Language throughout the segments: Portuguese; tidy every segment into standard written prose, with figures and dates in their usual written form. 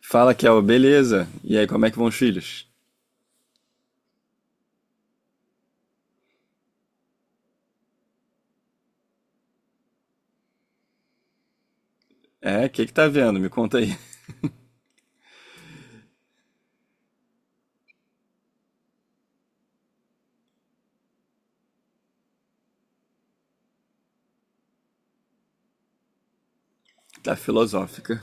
Fala, Kel, beleza? E aí, como é que vão os filhos? É, o que que tá vendo? Me conta aí. Tá filosófica.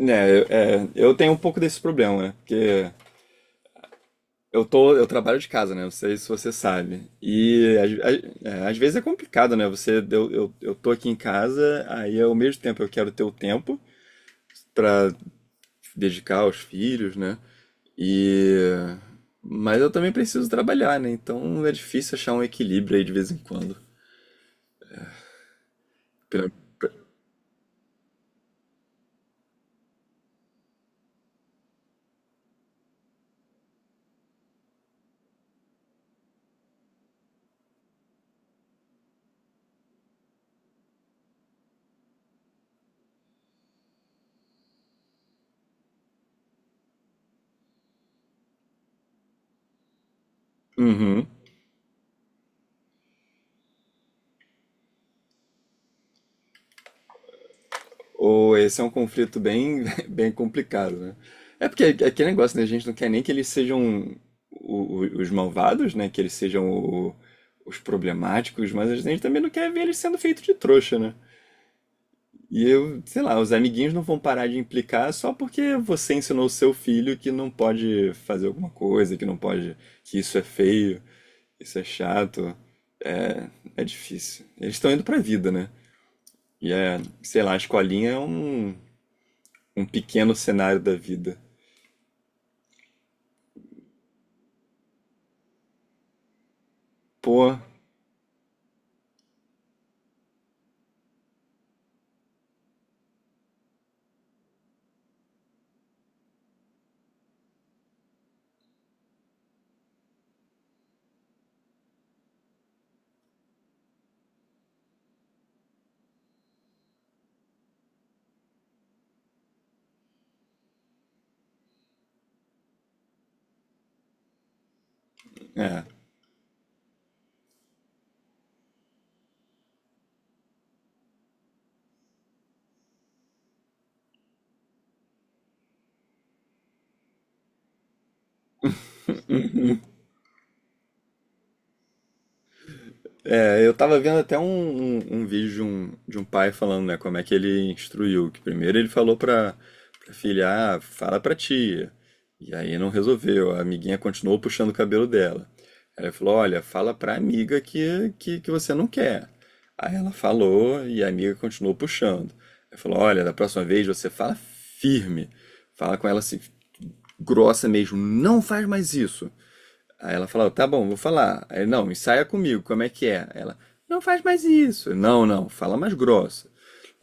É, eu tenho um pouco desse problema, né? Porque eu trabalho de casa, né? Não sei se você sabe. E às vezes é complicado, né? Eu tô aqui em casa, aí ao mesmo tempo eu quero ter o tempo pra dedicar aos filhos, né? E mas eu também preciso trabalhar, né? Então é difícil achar um equilíbrio aí de vez em quando. Pra- pra- Uhum. Ou esse é um conflito bem, bem complicado, né? É porque é aquele negócio, né? A gente não quer nem que eles sejam os malvados, né? Que eles sejam os problemáticos, mas a gente também não quer ver eles sendo feitos de trouxa, né? E eu, sei lá, os amiguinhos não vão parar de implicar só porque você ensinou o seu filho que não pode fazer alguma coisa, que não pode, que isso é feio, isso é chato, é difícil. Eles estão indo pra vida, né? E é, sei lá, a escolinha é um pequeno cenário da vida. Pô, é. É, eu tava vendo até um vídeo de um pai falando, né, como é que ele instruiu, que primeiro ele falou pra filha, fala pra tia, e aí não resolveu, a amiguinha continuou puxando o cabelo dela. Aí ele falou, olha, fala pra amiga que você não quer. Aí ela falou e a amiga continuou puxando. Aí falou, olha, da próxima vez você fala firme, fala com ela assim, grossa mesmo, não faz mais isso. Aí ela falou, tá bom, vou falar. Aí, não, ensaia comigo, como é que é? Ela, não faz mais isso. Não, não, fala mais grossa.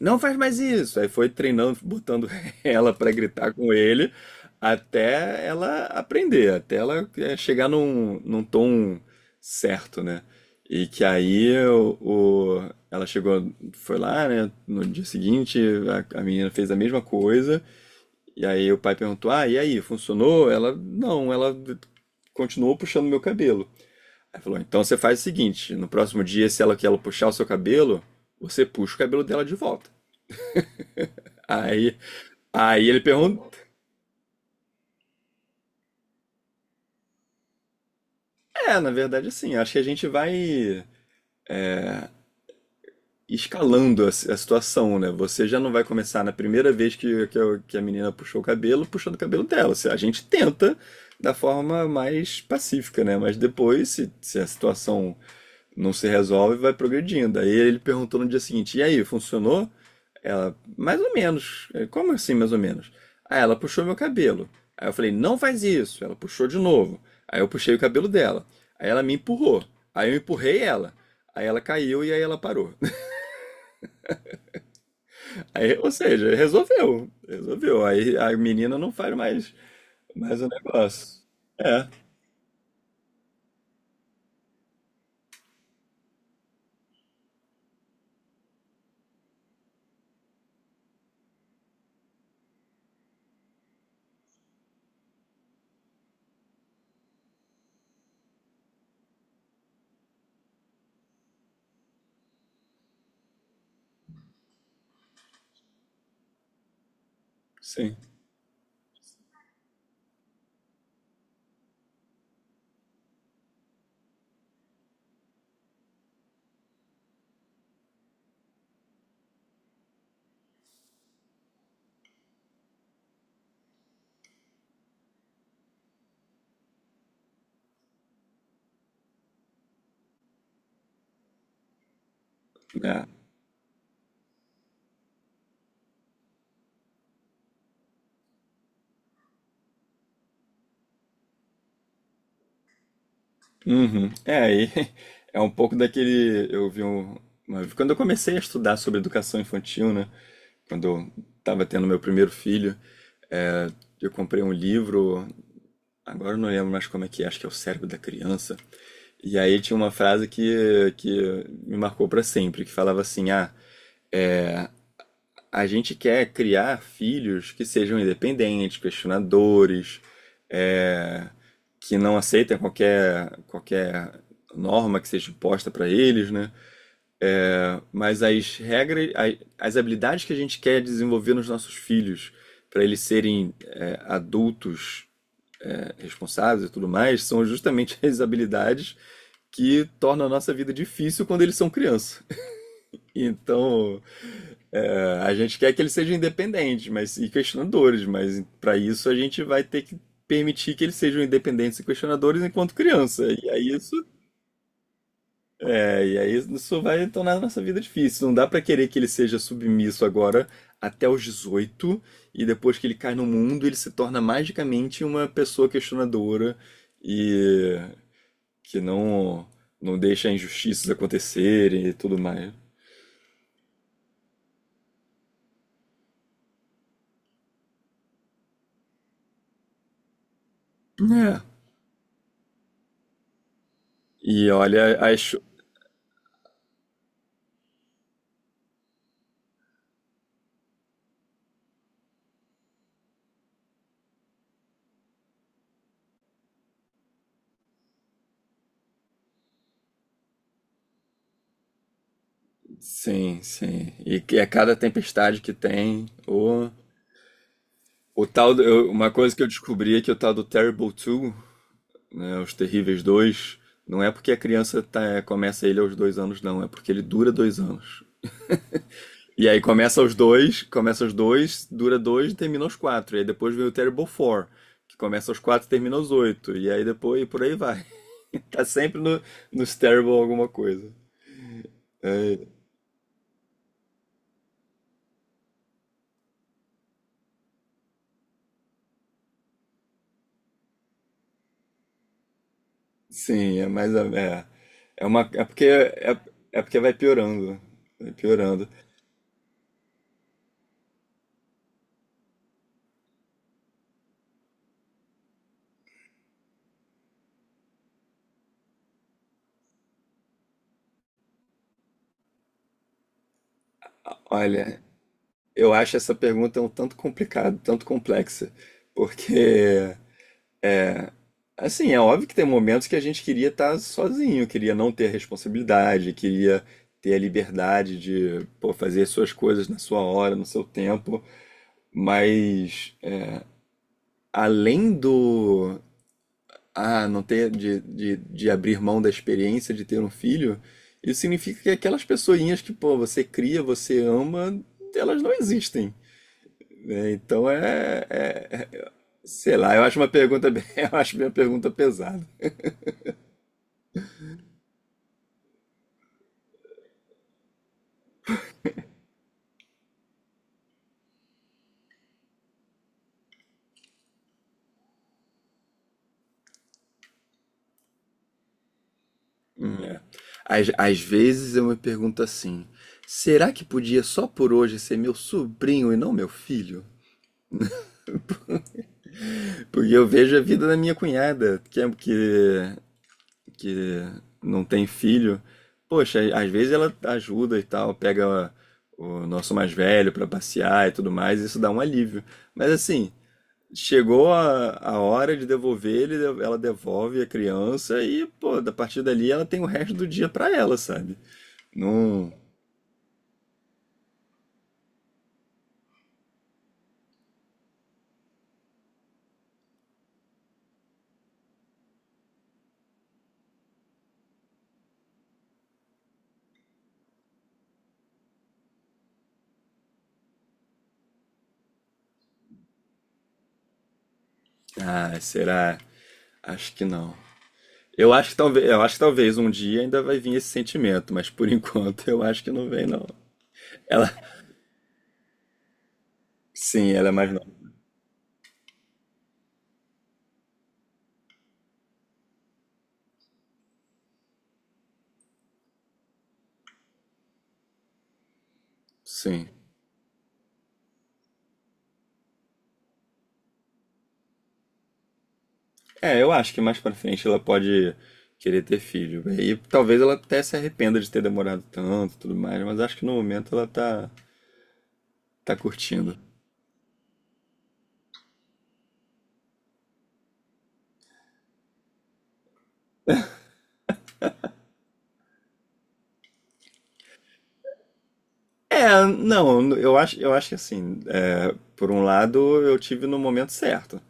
Não faz mais isso. Aí foi treinando, botando ela pra gritar com ele, até ela aprender, até ela chegar num tom certo, né? E que aí ela chegou, foi lá, né? No dia seguinte, a menina fez a mesma coisa. E aí o pai perguntou: Ah, e aí, funcionou? Ela, não, ela continuou puxando meu cabelo. Aí falou: Então você faz o seguinte: no próximo dia, se ela que ela puxar o seu cabelo, você puxa o cabelo dela de volta. Aí, aí ele perguntou: É, na verdade, assim, acho que a gente vai escalando a situação, né? Você já não vai começar na primeira vez que a menina puxou o cabelo, puxando o cabelo dela. A gente tenta da forma mais pacífica, né? Mas depois, se a situação não se resolve e vai progredindo. Aí ele perguntou no dia seguinte: E aí, funcionou? Ela, mais ou menos. Ele, Como assim, mais ou menos? Aí ela puxou meu cabelo. Aí eu falei: Não faz isso. Ela puxou de novo. Aí eu puxei o cabelo dela. Aí ela me empurrou. Aí eu empurrei ela. Aí ela caiu e aí ela parou. Aí, ou seja, resolveu. Resolveu. Aí a menina não faz mais o negócio. É, sim. É. Uhum. É, aí é um pouco daquele. Eu vi um. Quando eu comecei a estudar sobre educação infantil, né? Quando eu estava tendo meu primeiro filho, é, eu comprei um livro, agora eu não lembro mais como é que é, acho que é O Cérebro da Criança. E aí tinha uma frase que me marcou para sempre, que falava assim: ah, a gente quer criar filhos que sejam independentes, questionadores, é, que não aceitem qualquer norma que seja imposta para eles, né? Mas as regras, as habilidades que a gente quer desenvolver nos nossos filhos, para eles serem adultos responsáveis e tudo mais, são justamente as habilidades que tornam a nossa vida difícil quando eles são criança. Então, a gente quer que eles sejam independentes, mas e questionadores, mas para isso a gente vai ter que permitir que eles sejam independentes e questionadores enquanto criança. E aí isso É, e aí isso vai tornar a nossa vida difícil. Não dá pra querer que ele seja submisso agora até os 18 e depois que ele cai no mundo, ele se torna magicamente uma pessoa questionadora e que não deixa injustiças acontecerem e tudo mais. É. E olha, acho sim, sim. E que é cada tempestade que tem o tal do- eu- uma coisa que eu descobri é que o tal do Terrible 2, né, Os Terríveis 2 não é porque a criança começa ele aos 2 anos, não, é porque ele dura 2 anos. E aí começa os dois, dura dois e termina os quatro. E aí depois vem o Terrible Four, que começa os quatro e termina os oito. E aí depois, e por aí vai. Tá sempre no, nos Terrible alguma coisa. É, sim, é mais. É, uma. É porque vai piorando. Vai piorando. Olha, eu acho essa pergunta um tanto complicada, tanto complexa, porque assim, é óbvio que tem momentos que a gente queria estar sozinho, queria não ter responsabilidade, queria ter a liberdade de, pô, fazer suas coisas na sua hora, no seu tempo, mas além do, não ter, de abrir mão da experiência de ter um filho, isso significa que aquelas pessoinhas que, pô, você cria, você ama, elas não existem, né? Então é- sei lá, eu acho uma pergunta bem, eu acho minha pergunta pesada. É. Às vezes eu me pergunto assim: será que podia só por hoje ser meu sobrinho e não meu filho? Porque eu vejo a vida da minha cunhada, que não tem filho. Poxa, às vezes ela ajuda e tal, pega o nosso mais velho pra passear e tudo mais, isso dá um alívio. Mas assim, chegou a hora de devolver ele, ela devolve a criança e, pô, a partir dali ela tem o resto do dia pra ela, sabe? Não, ah, será? Acho que não. Eu acho que talvez um dia ainda vai vir esse sentimento, mas por enquanto eu acho que não vem, não. Ela, sim, ela é mais nova. Sim. É, eu acho que mais pra frente ela pode querer ter filho. E talvez ela até se arrependa de ter demorado tanto, e tudo mais, mas acho que no momento ela tá curtindo. É, não, eu acho que assim, por um lado eu tive no momento certo.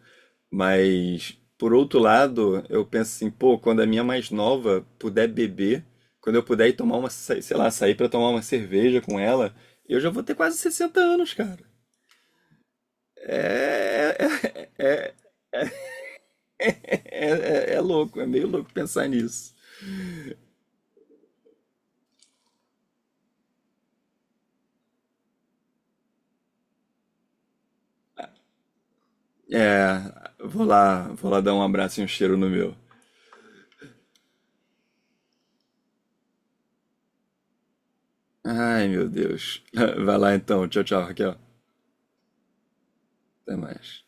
Mas, por outro lado, eu penso assim, pô, quando a minha mais nova puder beber, quando eu puder ir tomar uma, sei lá, sair pra tomar uma cerveja com ela, eu já vou ter quase 60 anos, cara. É, é, é, é louco, é meio louco pensar nisso. É, vou lá dar um abraço e um cheiro no meu. Ai, meu Deus. Vai lá então, tchau, tchau, Raquel. Até mais.